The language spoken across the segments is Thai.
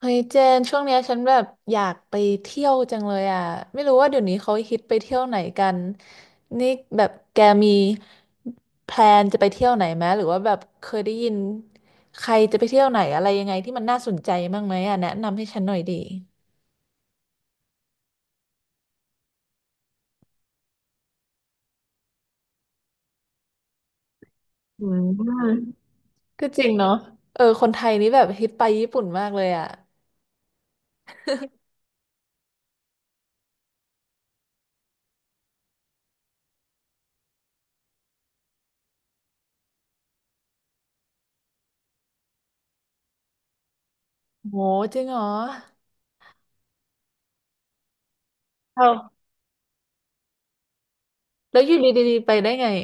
เฮ้ยเจนช่วงเนี้ยฉันแบบอยากไปเที่ยวจังเลยอ่ะไม่รู้ว่าเดี๋ยวนี้เขาฮิตไปเที่ยวไหนกันนี่แบบแกมีแพลนจะไปเที่ยวไหนไหมหรือว่าแบบเคยได้ยินใครจะไปเที่ยวไหนอะไรยังไงที่มันน่าสนใจบ้างไหมอ่ะแนะนำให้ฉันหน่อยดีอืมก็จริงเนาะเออคนไทยนี่แบบฮิตไปญี่ปุ่นมากเลยอ่ะโหจริงเหรอเอาแล้วอยู่ดีๆไปได้ไง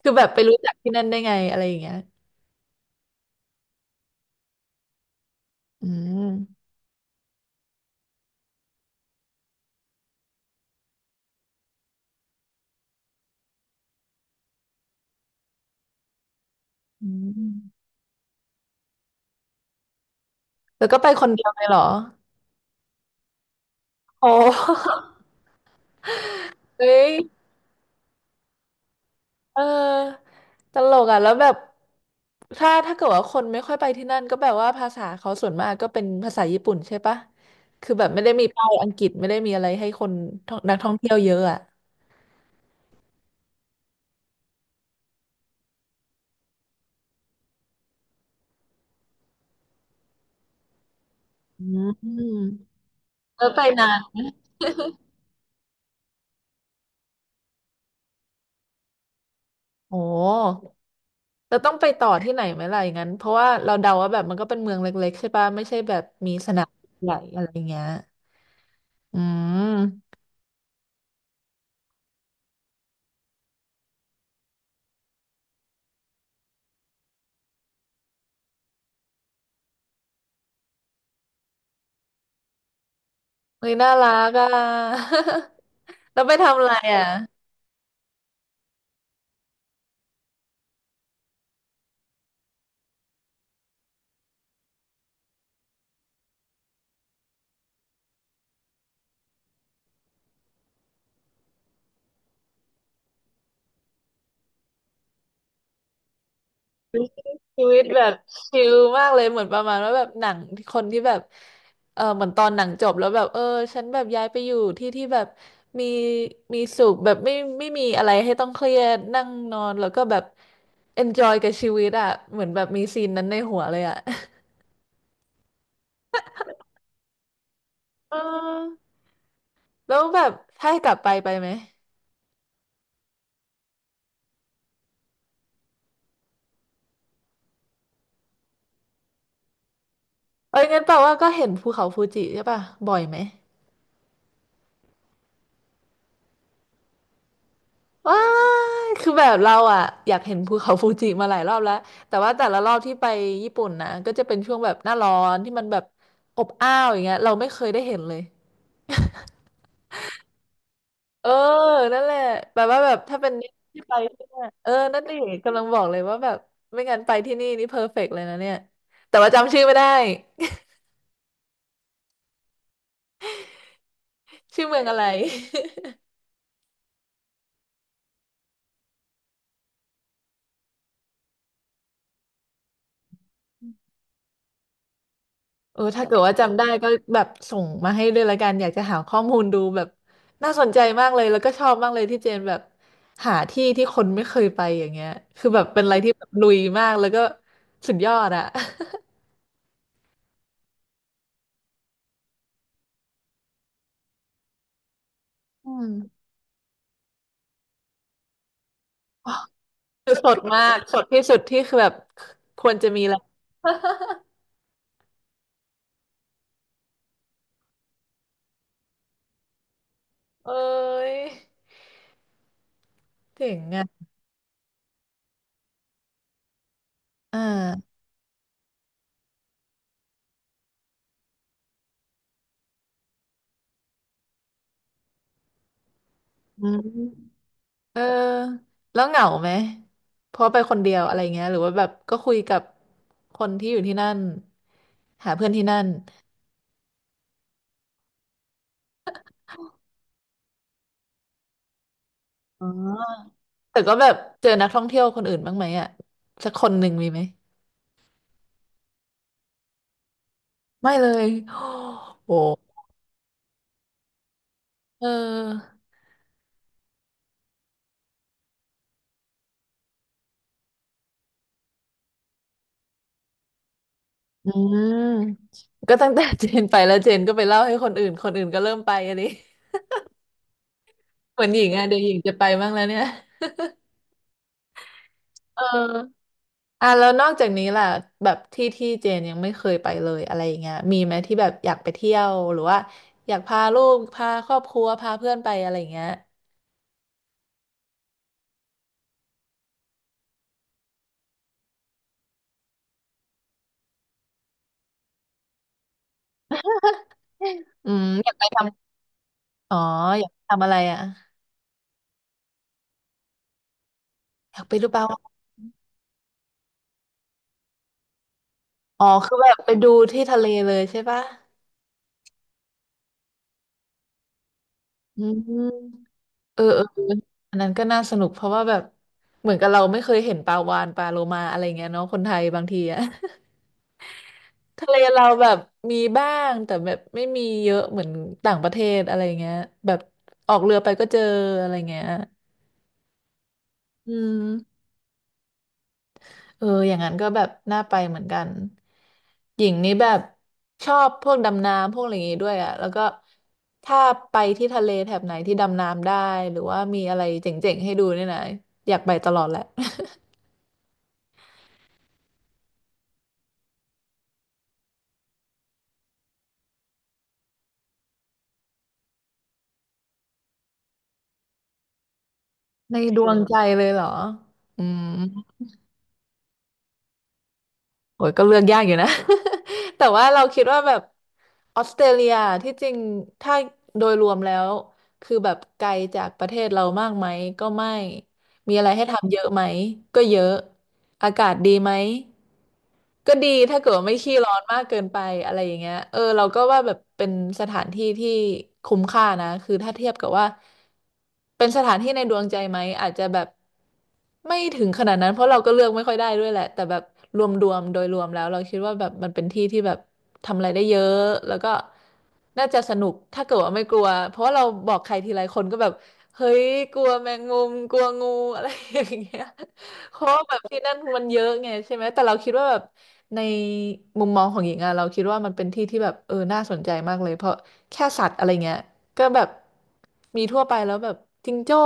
คือแบบไปรู้จักที่นั่นได้ไงอะไรอย่างเงี้ยอืมอืม หรือก็ไปคนเดียวเลยเหรอโอ้ เฮ้ยเออ ตลกอ่ะแล้วแบบถ้าเกิดว่าคนไม่ค่อยไปที่นั่นก็แบบว่าภาษาเขาส่วนมากก็เป็นภาษาญี่ปุ่นใช่ปะ คือแบบไม่ได้มีป้ายอังกฤษไม่ได้มีอะไรให้คนท่องนักท่องเที่ยวเยอะอ่ะอืมแล้วไปนานไหมโอ้เราต้องไปต่อที่ไหนไหมล่ะอย่างนั้นเพราะว่าเราเดาว่าแบบมันก็เป็นเมืองเล็กๆใช่ปะไม่ใช่แบบมีสนามใหญ่อะไรเงี้ยอืม เฮ้ยน่ารักอ่ะ แล้วไปทำอะไรอ่ะชีวิตแบบชิลมากเลยเหมือนประมาณว่าแบบหนังคนที่แบบเออเหมือนตอนหนังจบแล้วแบบเออฉันแบบย้ายไปอยู่ที่ที่แบบมีมีสุขแบบไม่มีอะไรให้ต้องเครียดนั่งนอนแล้วก็แบบ enjoy กับชีวิตอ่ะเหมือนแบบมีซีนนั้นในหัวเลยอ่ะเออ แล้วแบบถ้าให้กลับไปไปไหมเอ้ยงั้นแปลว่าก็เห็นภูเขาฟูจิใช่ป่ะบ่อยไหม ว้ายคือแบบเราอ่ะอยากเห็นภูเขาฟูจิมาหลายรอบแล้วแต่ว่าแต่ละรอบที่ไปญี่ปุ่นนะก็จะเป็นช่วงแบบหน้าร้อนที่มันแบบอบอ้าวอย่างเงี้ยเราไม่เคยได้เห็นเลยเออนั่นแหละแบบว่าแบบถ้าเป็นที่ไปที่เนี่ยเออนั่นดิกำลังบอกเลยว่าแบบไม่งั้นไปที่นี่นี่เพอร์เฟกต์เลยนะเนี่ยแต่ว่าจำชื่อไม่ได้ ชื่อเมืองอะไร เออถ้าเกิดว่าจำได้ก็แบบส่งมาให้ด้วยละกันอยากจะหาข้อมูลดูแบบน่าสนใจมากเลยแล้วก็ชอบมากเลยที่เจนแบบหาที่ที่คนไม่เคยไปอย่างเงี้ยคือแบบเป็นอะไรที่แบบลุยมากแล้วก็สุดยอดอะ อืมอ๋อคือสดมากสดที่สุดที่คือแบบควรจะมีแล้ว เอ้ยเจ๋งอะอ่าอืม เออแล้วเหงาไหมเพราะไปคนเดียวอะไรเงี้ยหรือว่าแบบก็คุยกับคนที่อยู่ที่นั่นหาเพื่อนที่นั่นอ๋อแต่ก็แบบเจอนักท่องเที่ยวคนอื่นบ้างไหมอ่ะสักคนหนึ่งมีไหมไม่เลยโอ้โหเอออืมก็ตั้งแต่เจนไปแล้วเจนก็ไปเล่าให้คนอื่นคนอื่นก็เริ่มไปอันนี้ เหมือนหญิงอ่ะเดี๋ยวหญิงจะไปบ้างแล้วเนี่ยเออ อ่ะแล้วนอกจากนี้ล่ะแบบที่ที่เจนยังไม่เคยไปเลยอะไรอย่างเงี้ยมีไหมที่แบบอยากไปเที่ยวหรือว่าอยากพาลูกพาครอบครัวพาเพื่อนไปอะไรอย่างเงี้ย อืมอยากไปทำอ๋ออยากทำอะไรอ่ะอยากไปดูปลาวาฬอ๋อคือแบบไปดูที่ทะเลเลยใช่ปะอืมเออเอออันนั้นก็น่าสนุกเพราะว่าแบบเหมือนกับเราไม่เคยเห็นปลาวาฬปลาโลมาอะไรเงี้ยเนาะคนไทยบางทีอ่ะ ทะเลเราแบบมีบ้างแต่แบบไม่มีเยอะเหมือนต่างประเทศอะไรเงี้ยแบบออกเรือไปก็เจออะไรเงี้ยอืมเอออย่างนั้นก็แบบน่าไปเหมือนกันหญิงนี่แบบชอบพวกดำน้ำพวกอะไรอย่างงี้ด้วยอ่ะแล้วก็ถ้าไปที่ทะเลแถบไหนที่ดำน้ำได้หรือว่ามีอะไรเจ๋งๆให้ดูเนี่ยนะอยากไปตลอดแหละ ในดวงใจเลยเหรออืม โอ้ยก็เลือกยากอยู่นะ แต่ว่าเราคิดว่าแบบออสเตรเลียที่จริงถ้าโดยรวมแล้วคือแบบไกลจากประเทศเรามากไหมก็ไม่มีอะไรให้ทำเยอะไหมก็เยอะอากาศดีไหม ก็ดีถ้าเกิดว่าไม่ขี้ร้อนมากเกินไปอะไรอย่างเงี้ยเราก็ว่าแบบเป็นสถานที่ที่คุ้มค่านะคือถ้าเทียบกับว่าเป็นสถานที่ในดวงใจไหมอาจจะแบบไม่ถึงขนาดนั้นเพราะเราก็เลือกไม่ค่อยได้ด้วยแหละแต่แบบรวมๆโดยรวมแล้วเราคิดว่าแบบมันเป็นที่ที่แบบทำอะไรได้เยอะแล้วก็น่าจะสนุกถ้าเกิดว่าไม่กลัวเพราะว่าเราบอกใครทีไรคนก็แบบเฮ้ยกลัวแมงมุมกลัวงูอะไรอย่างเงี้ย เพราะว่าแบบที่นั่นมันเยอะไงใช่ไหมแต่เราคิดว่าแบบในมุมมองของหญิงอะเราคิดว่ามันเป็นที่ที่แบบน่าสนใจมากเลยเพราะแค่สัตว์อะไรเงี้ยก็แบบมีทั่วไปแล้วแบบจิงโจ้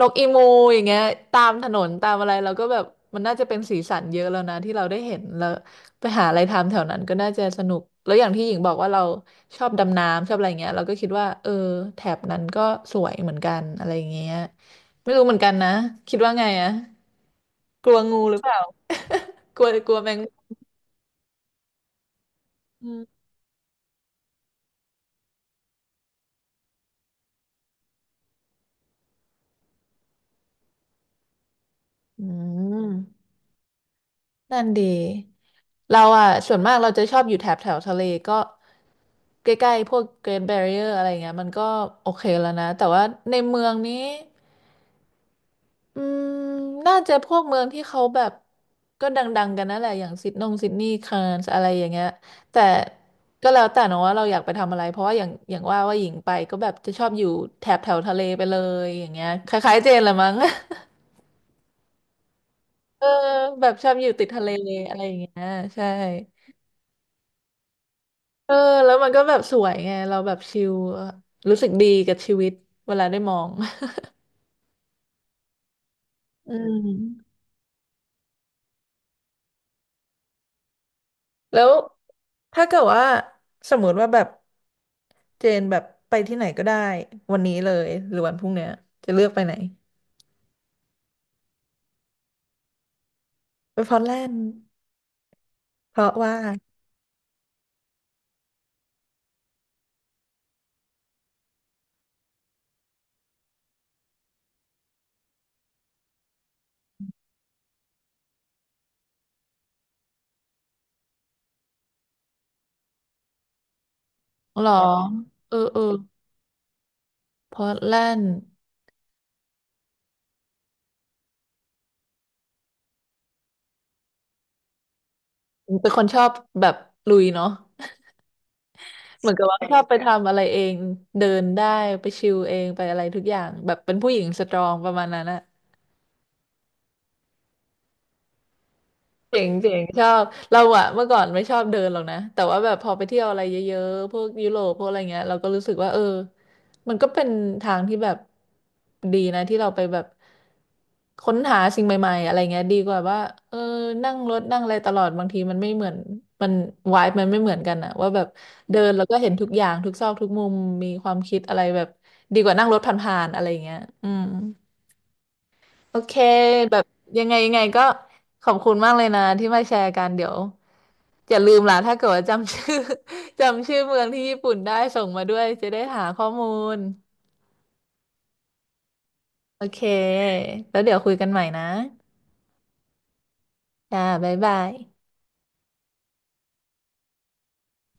นกอีมูอย่างเงี้ยตามถนนตามอะไรเราก็แบบมันน่าจะเป็นสีสันเยอะแล้วนะที่เราได้เห็นแล้วไปหาอะไรทำแถวนั้นก็น่าจะสนุกแล้วอย่างที่หญิงบอกว่าเราชอบดำน้ำชอบอะไรเงี้ยเราก็คิดว่าแถบนั้นก็สวยเหมือนกันอะไรเงี้ยไม่รู้เหมือนกันนะคิดว่าไงอะ กลัวงูหรือเปล่ากลัวกลัวแมงมุมอืมนั่นดีเราอ่ะส่วนมากเราจะชอบอยู่แถบแถวทะเลก็ใกล้ๆพวก Great Barrier อะไรเงี้ยมันก็โอเคแล้วนะแต่ว่าในเมืองนี้อืมน่าจะพวกเมืองที่เขาแบบก็ดังๆกันนั่นแหละอย่างซิดนีย์คานส์อะไรอย่างเงี้ยแต่ก็แล้วแต่เนอะว่าเราอยากไปทำอะไรเพราะว่าอย่างว่าหญิงไปก็แบบจะชอบอยู่แถบแถวทะเลไปเลยอย่างเงี้ยคล้ายๆเจนเลยมั้ง เออแบบชอบอยู่ติดทะเลอะไรอย่างเงี้ยใช่เออแล้วมันก็แบบสวยไงเราแบบชิลรู้สึกดีกับชีวิตเวลาได้มอง อืมแล้วถ้าเกิดว่าสมมติว่าแบบเจนแบบไปที่ไหนก็ได้วันนี้เลยหรือวันพรุ่งเนี้ยจะเลือกไปไหนไปพอร์ตแลนด์เพราะว่าหรอเออพอร์ตแลนด์เป็นคนชอบแบบลุยเนาะ เหมือนกับว่าชอบไปทำอะไรเองเดินได้ไปชิลเองไปอะไรทุกอย่างแบบเป็นผู้หญิงสตรองประมาณนั้นอะ เจ๋งชอบเราอะเมื่อก่อนไม่ชอบเดินหรอกนะแต่ว่าแบบพอไปเที่ยวอะไรเยอะๆพวกยุโรปพวกอะไรเงี้ยเราก็รู้สึกว่ามันก็เป็นทางที่แบบดีนะที่เราไปแบบค้นหาสิ่งใหม่ๆอะไรเงี้ยดีกว่าว่าเออนั่งรถนั่งอะไรตลอดบางทีมันไม่เหมือนมันวายมันไม่เหมือนกันอะว่าแบบเดินแล้วก็เห็นทุกอย่างทุกซอกทุกมุมมีความคิดอะไรแบบดีกว่านั่งรถผ่านๆอะไรเงี้ยอืม โอเคแบบยังไงก็ขอบคุณมากเลยนะที่มาแชร์กันเดี๋ยวอย่าลืมล่ะถ้าเกิดว่าจำชื่อ จำชื่อเมืองที่ญี่ปุ่นได้ส่งมาด้วยจะได้หาข้อมูลโอเคแล้วเดี๋ยวคุยกันใหม่นะจ้าบ๊ายบาย